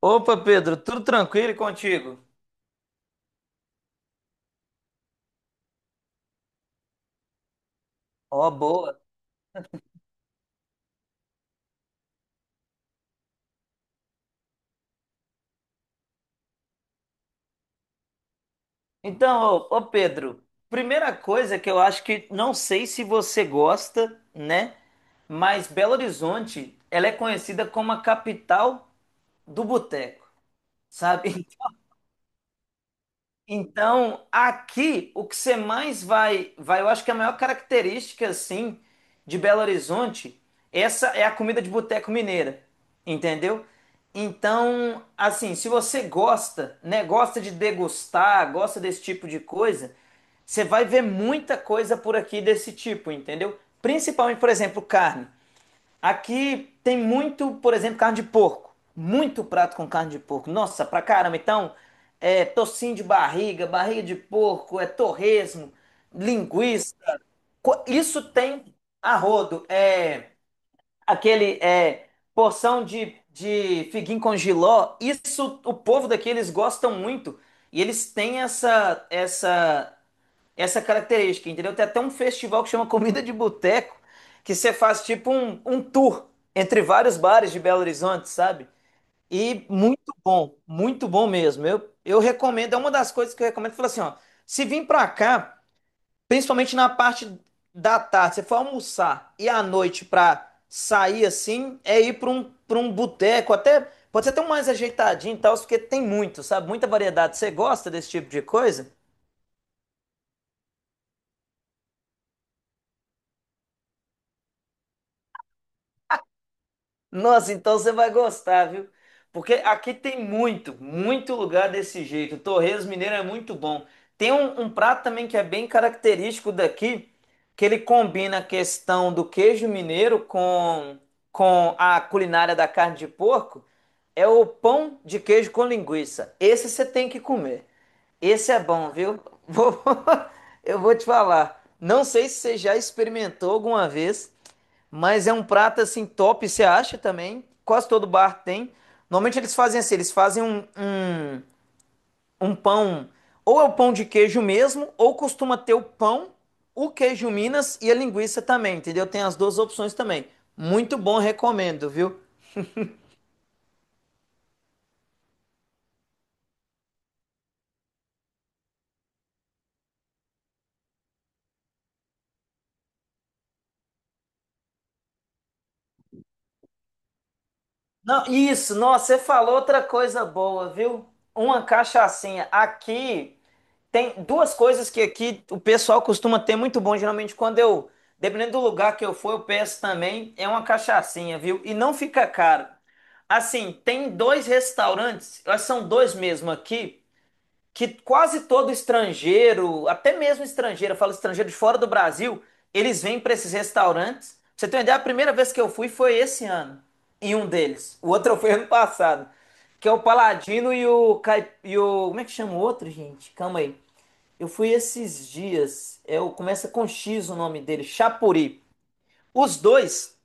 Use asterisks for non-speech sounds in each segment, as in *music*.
Opa, Pedro, tudo tranquilo e contigo? Ó, boa. Então, ô, Pedro, primeira coisa que eu acho que não sei se você gosta, né? Mas Belo Horizonte, ela é conhecida como a capital do boteco, sabe? *laughs* Então, aqui o que você mais vai, eu acho que a maior característica assim de Belo Horizonte, essa é a comida de boteco mineira, entendeu? Então, assim, se você gosta, né, gosta de degustar, gosta desse tipo de coisa, você vai ver muita coisa por aqui desse tipo, entendeu? Principalmente, por exemplo, carne. Aqui tem muito, por exemplo, carne de porco. Muito prato com carne de porco. Nossa, pra caramba. Então, é tocinho de barriga, barriga de porco, é torresmo, linguiça. Isso tem a rodo. É aquele é porção de figuinho com jiló. Isso o povo daqui eles gostam muito. E eles têm essa característica, entendeu? Tem até um festival que chama Comida de Boteco, que você faz tipo um tour entre vários bares de Belo Horizonte, sabe? E muito bom mesmo. Eu recomendo, é uma das coisas que eu recomendo, eu falo assim, ó, se vir pra cá, principalmente na parte da tarde, você for almoçar e à noite pra sair assim, é ir pra um boteco, até pode ser até um mais ajeitadinho e tal, porque tem muito, sabe? Muita variedade. Você gosta desse tipo de coisa? Nossa, então você vai gostar, viu? Porque aqui tem muito, muito lugar desse jeito. Torresmo mineiro é muito bom. Tem um prato também que é bem característico daqui, que ele combina a questão do queijo mineiro com a culinária da carne de porco. É o pão de queijo com linguiça. Esse você tem que comer. Esse é bom, viu? Vou- *laughs* Eu vou te falar. Não sei se você já experimentou alguma vez, mas é um prato assim top, você acha também? Quase todo bar tem. Normalmente eles fazem assim, eles fazem um pão, ou é o pão de queijo mesmo, ou costuma ter o pão, o queijo Minas e a linguiça também, entendeu? Tem as duas opções também. Muito bom, recomendo, viu? Não, isso, nossa, você falou outra coisa boa, viu? Uma cachaçinha. Aqui. Tem duas coisas que aqui o pessoal costuma ter muito bom. Geralmente, quando eu, dependendo do lugar que eu for, eu peço também. É uma cachaçinha, viu? E não fica caro. Assim, tem dois restaurantes, eu acho que são dois mesmo aqui, que quase todo estrangeiro, até mesmo estrangeiro, eu falo estrangeiro de fora do Brasil, eles vêm para esses restaurantes. Pra você ter uma ideia, a primeira vez que eu fui foi esse ano, em um deles. O outro foi ano passado, que é o Paladino e o, Caip... e o... Como é que chama o outro, gente? Calma aí. Eu fui esses dias, é, começa com X o nome dele, Chapuri. Os dois,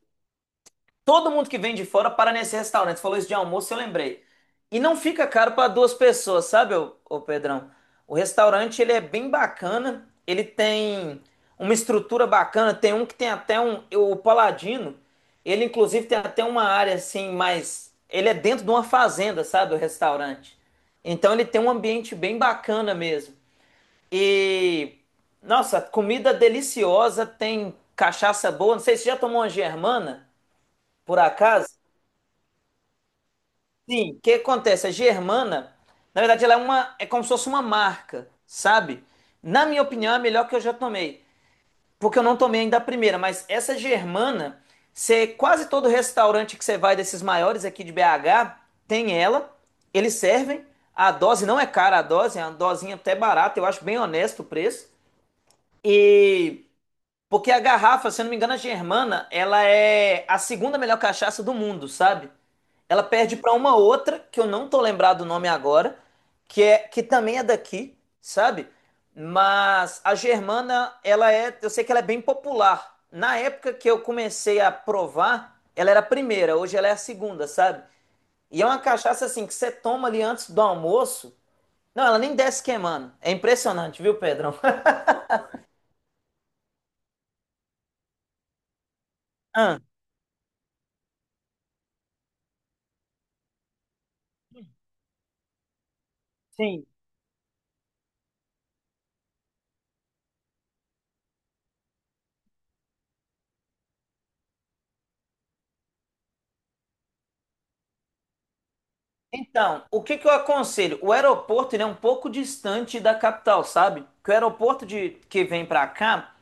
todo mundo que vem de fora para nesse restaurante. Você falou isso de almoço, eu lembrei. E não fica caro para duas pessoas, sabe, ô Pedrão? O restaurante, ele é bem bacana, ele tem uma estrutura bacana, tem um que tem até um, o Paladino, ele inclusive tem até uma área assim, mais, ele é dentro de uma fazenda, sabe, o restaurante. Então ele tem um ambiente bem bacana mesmo. E nossa, comida deliciosa, tem cachaça boa. Não sei se você já tomou uma germana, por acaso? Sim, o que acontece? A germana, na verdade, ela é uma, é como se fosse uma marca, sabe? Na minha opinião, é a melhor que eu já tomei, porque eu não tomei ainda a primeira, mas essa germana, você, quase todo restaurante que você vai desses maiores aqui de BH, tem ela, eles servem. A dose não é cara, a dose é uma dosinha até barata, eu acho bem honesto o preço. E porque a garrafa, se eu não me engano, a Germana, ela é a segunda melhor cachaça do mundo, sabe? Ela perde para uma outra, que eu não tô lembrado o nome agora, que é que também é daqui, sabe? Mas a Germana, ela é, eu sei que ela é bem popular. Na época que eu comecei a provar, ela era a primeira, hoje ela é a segunda, sabe? E é uma cachaça assim que você toma ali antes do almoço. Não, ela nem desce queimando. É impressionante, viu, Pedrão? *laughs* Ah, sim. Então, o que que eu aconselho? O aeroporto, ele é um pouco distante da capital, sabe? Que o aeroporto de, que vem pra cá,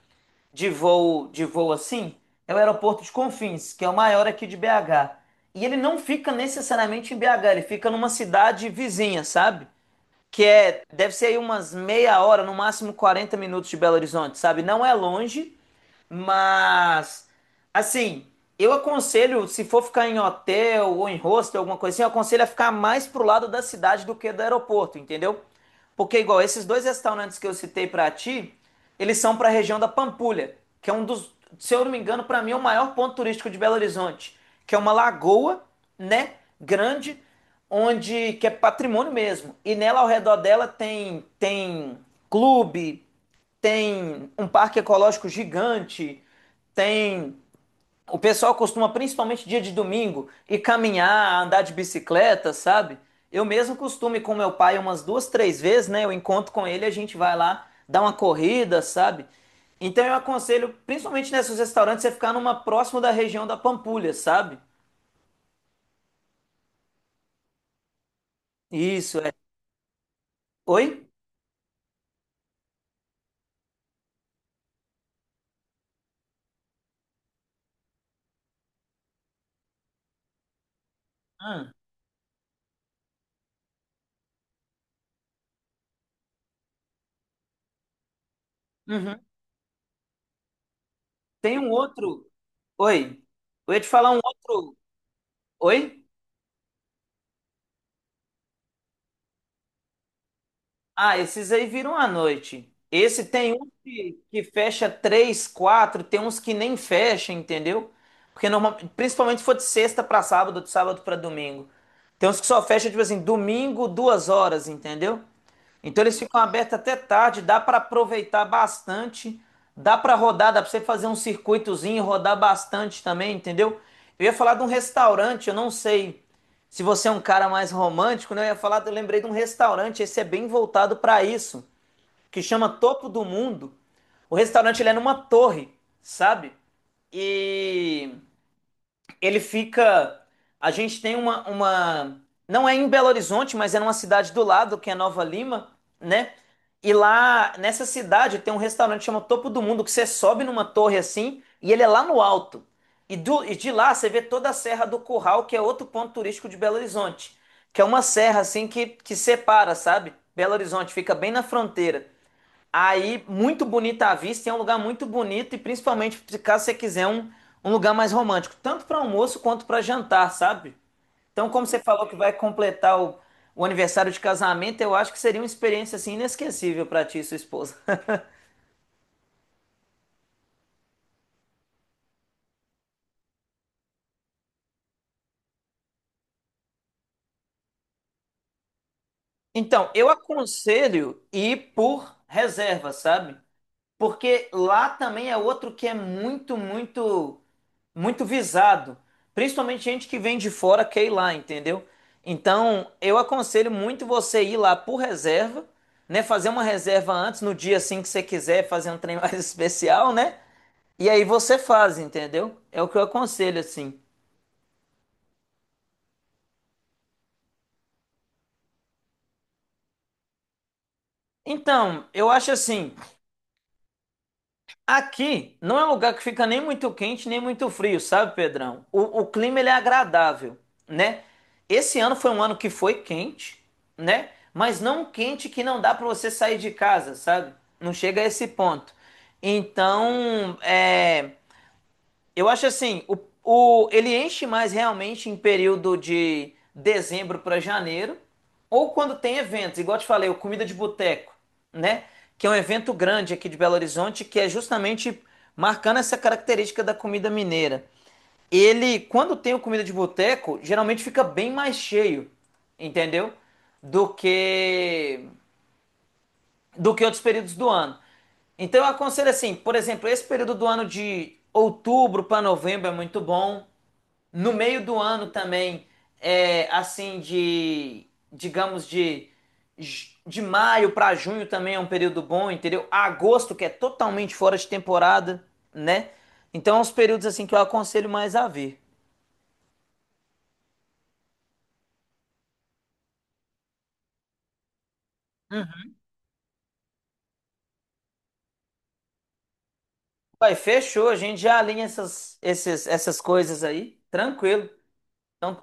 de voo assim, é o aeroporto de Confins, que é o maior aqui de BH. E ele não fica necessariamente em BH, ele fica numa cidade vizinha, sabe? Que é, deve ser aí umas meia hora, no máximo 40 minutos de Belo Horizonte, sabe? Não é longe, mas assim, eu aconselho, se for ficar em hotel ou em hostel, alguma coisa assim, eu aconselho a ficar mais pro lado da cidade do que do aeroporto, entendeu? Porque, igual, esses dois restaurantes que eu citei pra ti, eles são pra região da Pampulha, que é um dos, se eu não me engano, pra mim é o maior ponto turístico de Belo Horizonte, que é uma lagoa, né, grande, onde que é patrimônio mesmo. E nela ao redor dela tem clube, tem um parque ecológico gigante, tem o pessoal costuma, principalmente dia de domingo, ir caminhar, andar de bicicleta, sabe? Eu mesmo costumo ir com meu pai umas duas, três vezes, né? Eu encontro com ele, a gente vai lá dar uma corrida, sabe? Então eu aconselho, principalmente nesses restaurantes, você ficar numa próximo da região da Pampulha, sabe? Isso, é. Oi? Ah, uhum. Tem um outro. Oi. Eu ia te falar um outro. Oi? Ah, esses aí viram à noite. Esse tem um que fecha três, quatro, tem uns que nem fecha, entendeu? Porque normal, principalmente se for de sexta pra sábado, de sábado pra domingo. Tem uns que só fecha, tipo assim, domingo, 2 horas, entendeu? Então eles ficam abertos até tarde, dá para aproveitar bastante, dá para rodar, dá para você fazer um circuitozinho e rodar bastante também, entendeu? Eu ia falar de um restaurante, eu não sei se você é um cara mais romântico, né? Eu ia falar, eu lembrei de um restaurante, esse é bem voltado para isso, que chama Topo do Mundo. O restaurante ele é numa torre, sabe? E ele fica. A gente tem uma, uma. Não é em Belo Horizonte, mas é numa cidade do lado, que é Nova Lima, né? E lá, nessa cidade, tem um restaurante que chama Topo do Mundo, que você sobe numa torre assim, e ele é lá no alto. E, e de lá você vê toda a Serra do Curral, que é outro ponto turístico de Belo Horizonte. Que é uma serra assim que separa, sabe? Belo Horizonte fica bem na fronteira. Aí, muito bonita a vista, e é um lugar muito bonito, e principalmente caso você quiser um, um lugar mais romântico, tanto para almoço quanto para jantar, sabe? Então, como você falou que vai completar o aniversário de casamento, eu acho que seria uma experiência assim inesquecível para ti e sua esposa. *laughs* Então, eu aconselho ir por reserva, sabe? Porque lá também é outro que é muito, muito muito visado, principalmente gente que vem de fora quer ir lá, entendeu? Então, eu aconselho muito você ir lá por reserva, né, fazer uma reserva antes no dia assim que você quiser, fazer um trem mais *laughs* especial, né? E aí você faz, entendeu? É o que eu aconselho assim. Então, eu acho assim, aqui não é um lugar que fica nem muito quente nem muito frio, sabe, Pedrão? O clima ele é agradável, né? Esse ano foi um ano que foi quente, né? Mas não um quente que não dá para você sair de casa, sabe? Não chega a esse ponto. Então, é. Eu acho assim, ele enche mais realmente em período de dezembro para janeiro, ou quando tem eventos, igual eu te falei, o Comida de Boteco, né? Que é um evento grande aqui de Belo Horizonte, que é justamente marcando essa característica da comida mineira. Ele, quando tem o Comida de Boteco, geralmente fica bem mais cheio, entendeu? Do que, do que outros períodos do ano. Então eu aconselho assim, por exemplo, esse período do ano de outubro para novembro é muito bom. No meio do ano também, é, assim, de, digamos, de maio para junho também é um período bom, entendeu? Agosto, que é totalmente fora de temporada, né? Então, é uns períodos, assim, que eu aconselho mais a ver. Hum. Vai, fechou, a gente já alinha essas, esses, essas coisas aí, tranquilo. Então,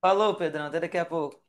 falou, Pedrão, até daqui a pouco.